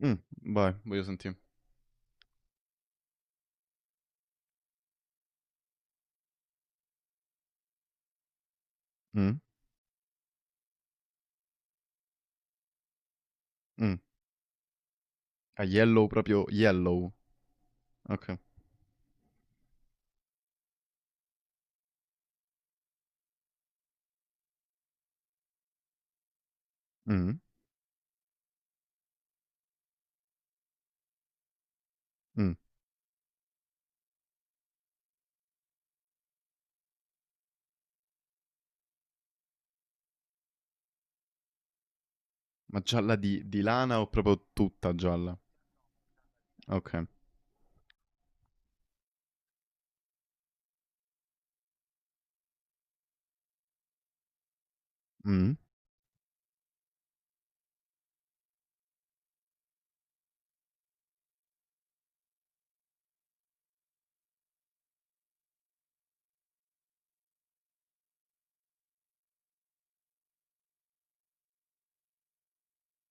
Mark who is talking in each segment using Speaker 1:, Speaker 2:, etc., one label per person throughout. Speaker 1: Mh, vai, voglio senti Mh, mh. A yellow proprio yellow? Okay. Mh, mh. Ma gialla di lana o proprio tutta gialla? Okay. Mh.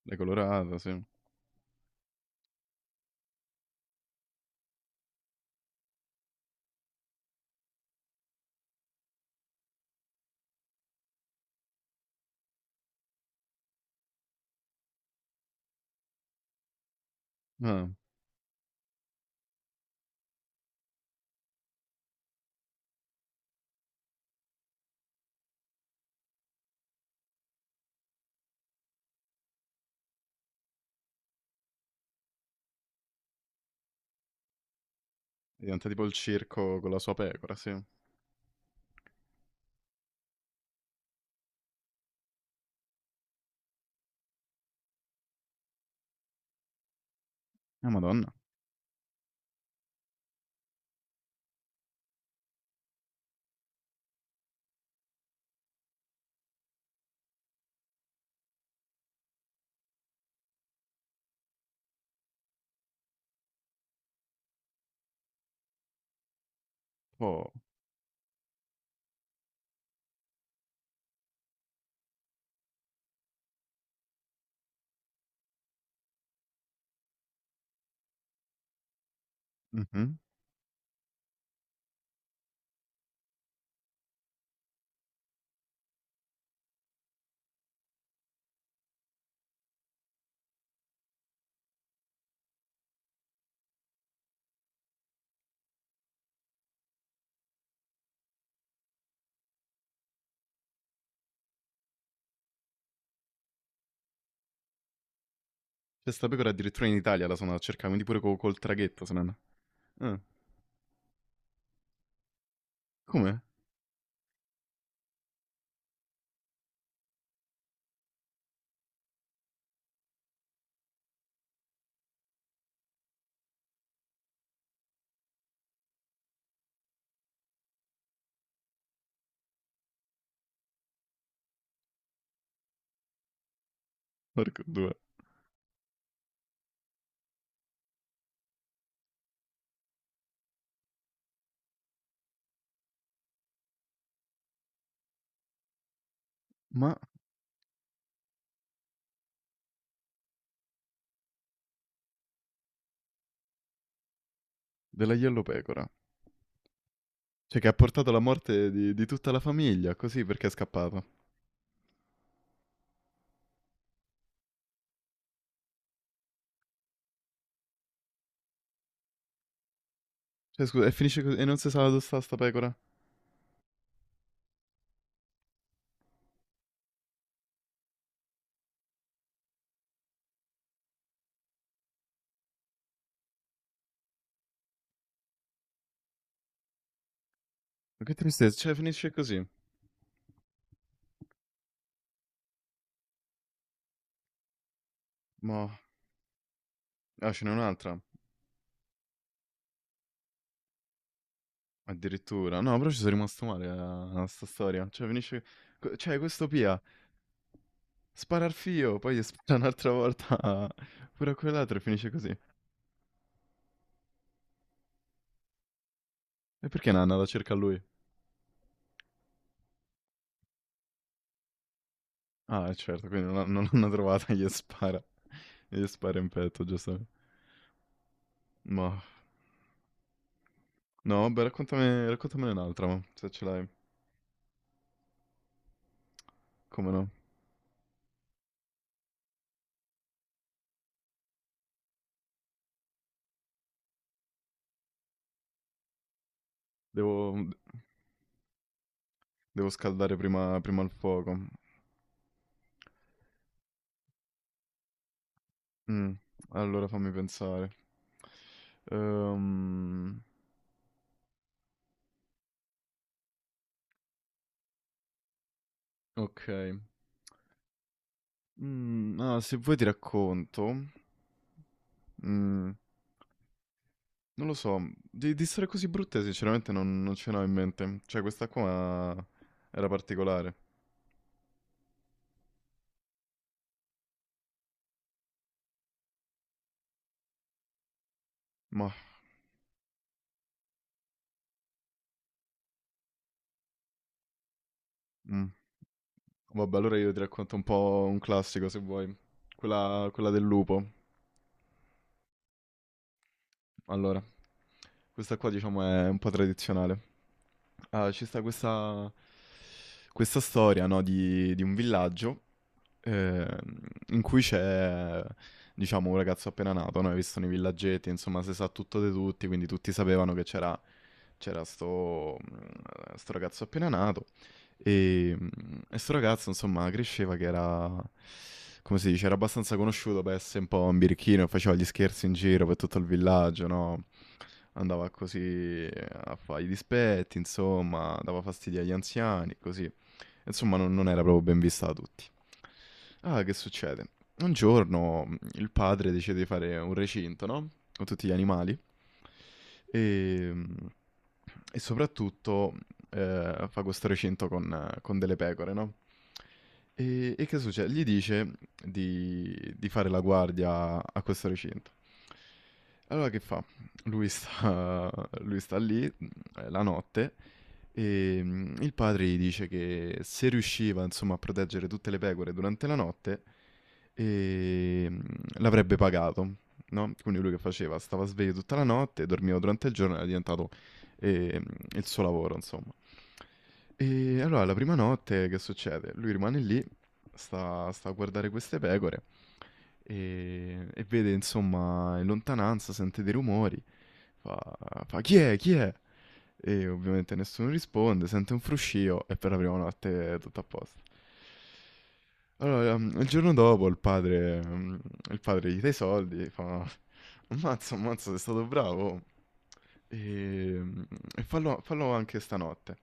Speaker 1: L'hai colorata, sì. Ah, diventa tipo il circo con la sua pecora, sì. Ah, madonna. Oh. Mh-mh. C'è 'sta pecora addirittura in Italia la sono andata a cercà, quindi pure co col traghetto se n'è andata. Ah, come? Porco 2. Ma della yellow pecora. Cioè che ha portato alla morte di tutta la famiglia, così perché è scappata. Cioè, scusa, e finisce così, e non si sa dove sta pecora. Ma che tristezza, cioè finisce così. Ma ah, ce n'è un'altra, addirittura. No, però ci sono rimasto male a, a sta storia. Cioè finisce... cioè questo Pia spara al fio, poi gli spara un'altra volta pure a quell'altro e finisce così. E perché Nanna la cerca lui? Ah, certo, quindi non, non l'hanno trovata, gli spara. Gli spara in petto, giusto? Ma... No, beh, raccontami, raccontamene un'altra, ma se ce l'hai. Come no? Devo, devo scaldare prima, prima il fuoco. Mm, allora fammi pensare. Ehm, ok. Mm, ah, se vuoi ti racconto. Mm, non lo so, di storie così brutte sinceramente non, non ce n'ho in mente. Cioè questa qua era particolare. Ma... mm. Vabbè, allora io ti racconto un po' un classico se vuoi. Quella, quella del lupo. Allora, questa qua diciamo è un po' tradizionale. Ah, ci sta questa, questa storia, no, di un villaggio eh, in cui c'è, diciamo, un ragazzo appena nato, no? Hai visto nei villaggetti, insomma, si sa tutto di tutti, quindi tutti sapevano che c'era sto, sto ragazzo appena nato e, mh, e sto ragazzo insomma cresceva che era, come si dice, era abbastanza conosciuto per essere un po' un birichino, faceva gli scherzi in giro per tutto il villaggio, no? Andava così a fare i dispetti, insomma, dava fastidio agli anziani, così. Insomma, non, non era proprio ben vista da tutti. Ah, che succede? Un giorno il padre decide di fare un recinto, no? Con tutti gli animali. E, mh, e soprattutto fa questo recinto con delle pecore, no? E che succede? Gli dice di fare la guardia a questo recinto. Allora che fa? Lui sta, lui sta lì la notte e mm, il padre gli dice che se riusciva, insomma, a proteggere tutte le pecore durante la notte, mm, l'avrebbe pagato, no? Quindi lui che faceva? Stava sveglio tutta la notte, dormiva durante il giorno, era diventato mm, il suo lavoro, insomma. E allora la prima notte che succede? Lui rimane lì, sta, sta a guardare queste pecore e vede insomma in lontananza, sente dei rumori. Fa, fa, chi è? Chi è? E ovviamente nessuno risponde, sente un fruscio e per la prima notte è tutto a posto. Allora, mm, il giorno dopo il padre, mm, il padre gli dà i soldi, fa, ammazza, ammazza, sei stato bravo. E, mm, e fallo, fallo anche stanotte.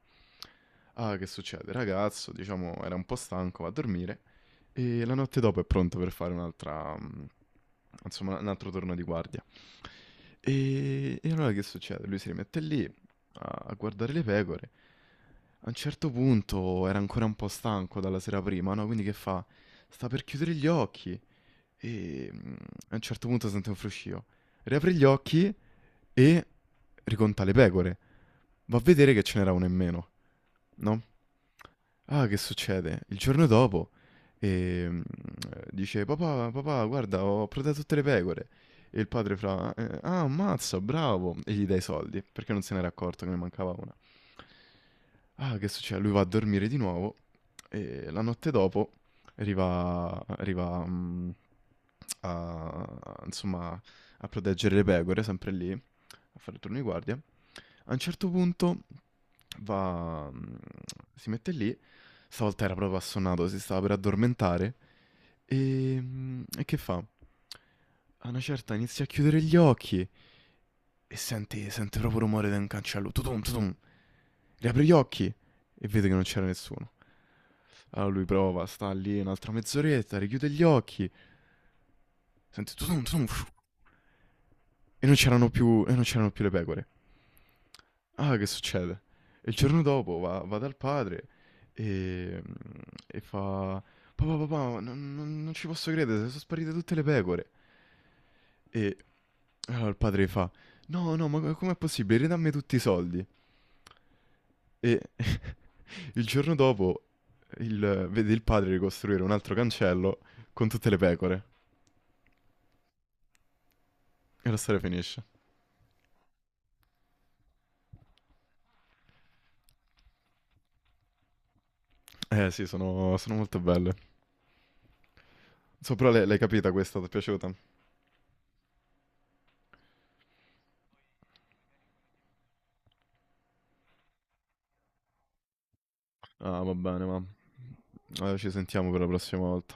Speaker 1: Ah, che succede? Il ragazzo, diciamo, era un po' stanco, va a dormire e la notte dopo è pronto per fare un'altra, mm, insomma, un altro turno di guardia. E allora che succede? Lui si rimette lì a a guardare le pecore. A un certo punto era ancora un po' stanco dalla sera prima, no? Quindi che fa? Sta per chiudere gli occhi e mm, a un certo punto sente un fruscio. Riapre gli occhi e riconta le pecore. Va a vedere che ce n'era una in meno, no? Ah, che succede? Il giorno dopo ehm, dice: Papà, papà, guarda, ho protetto tutte le pecore. E il padre fa: ah, ammazza, bravo!" E gli dai i soldi perché non se n'era accorto che ne mancava una. Ah, che succede? Lui va a dormire di nuovo e la notte dopo arriva, arriva mm, a, insomma, a proteggere le pecore, sempre lì, a fare il turno di guardia. A un certo punto va, mm, si mette lì, stavolta era proprio assonnato, si stava per addormentare e, mm, e che fa? A una certa inizia a chiudere gli occhi e sente, sente proprio il rumore da un cancello, tutum, tutum, riapre gli occhi e vede che non c'era nessuno. Allora lui prova, sta lì un'altra mezz'oretta, richiude gli occhi, sente tutum, tutum, fiu, e non c'erano più, e non c'erano più le pecore. Ah, che succede? E il giorno dopo va, va dal padre e, e fa: Papà, papà, non, non ci posso credere, sono sparite tutte le pecore. E allora il padre fa: No, no, ma com'è possibile? Ridammi tutti i soldi. E il giorno dopo vede il padre ricostruire un altro cancello con tutte le pecore. E la storia finisce. Eh sì, sono, sono molto belle. So, però l'hai capita questa, ti è piaciuta? Ah, va bene, ma ci sentiamo per la prossima volta.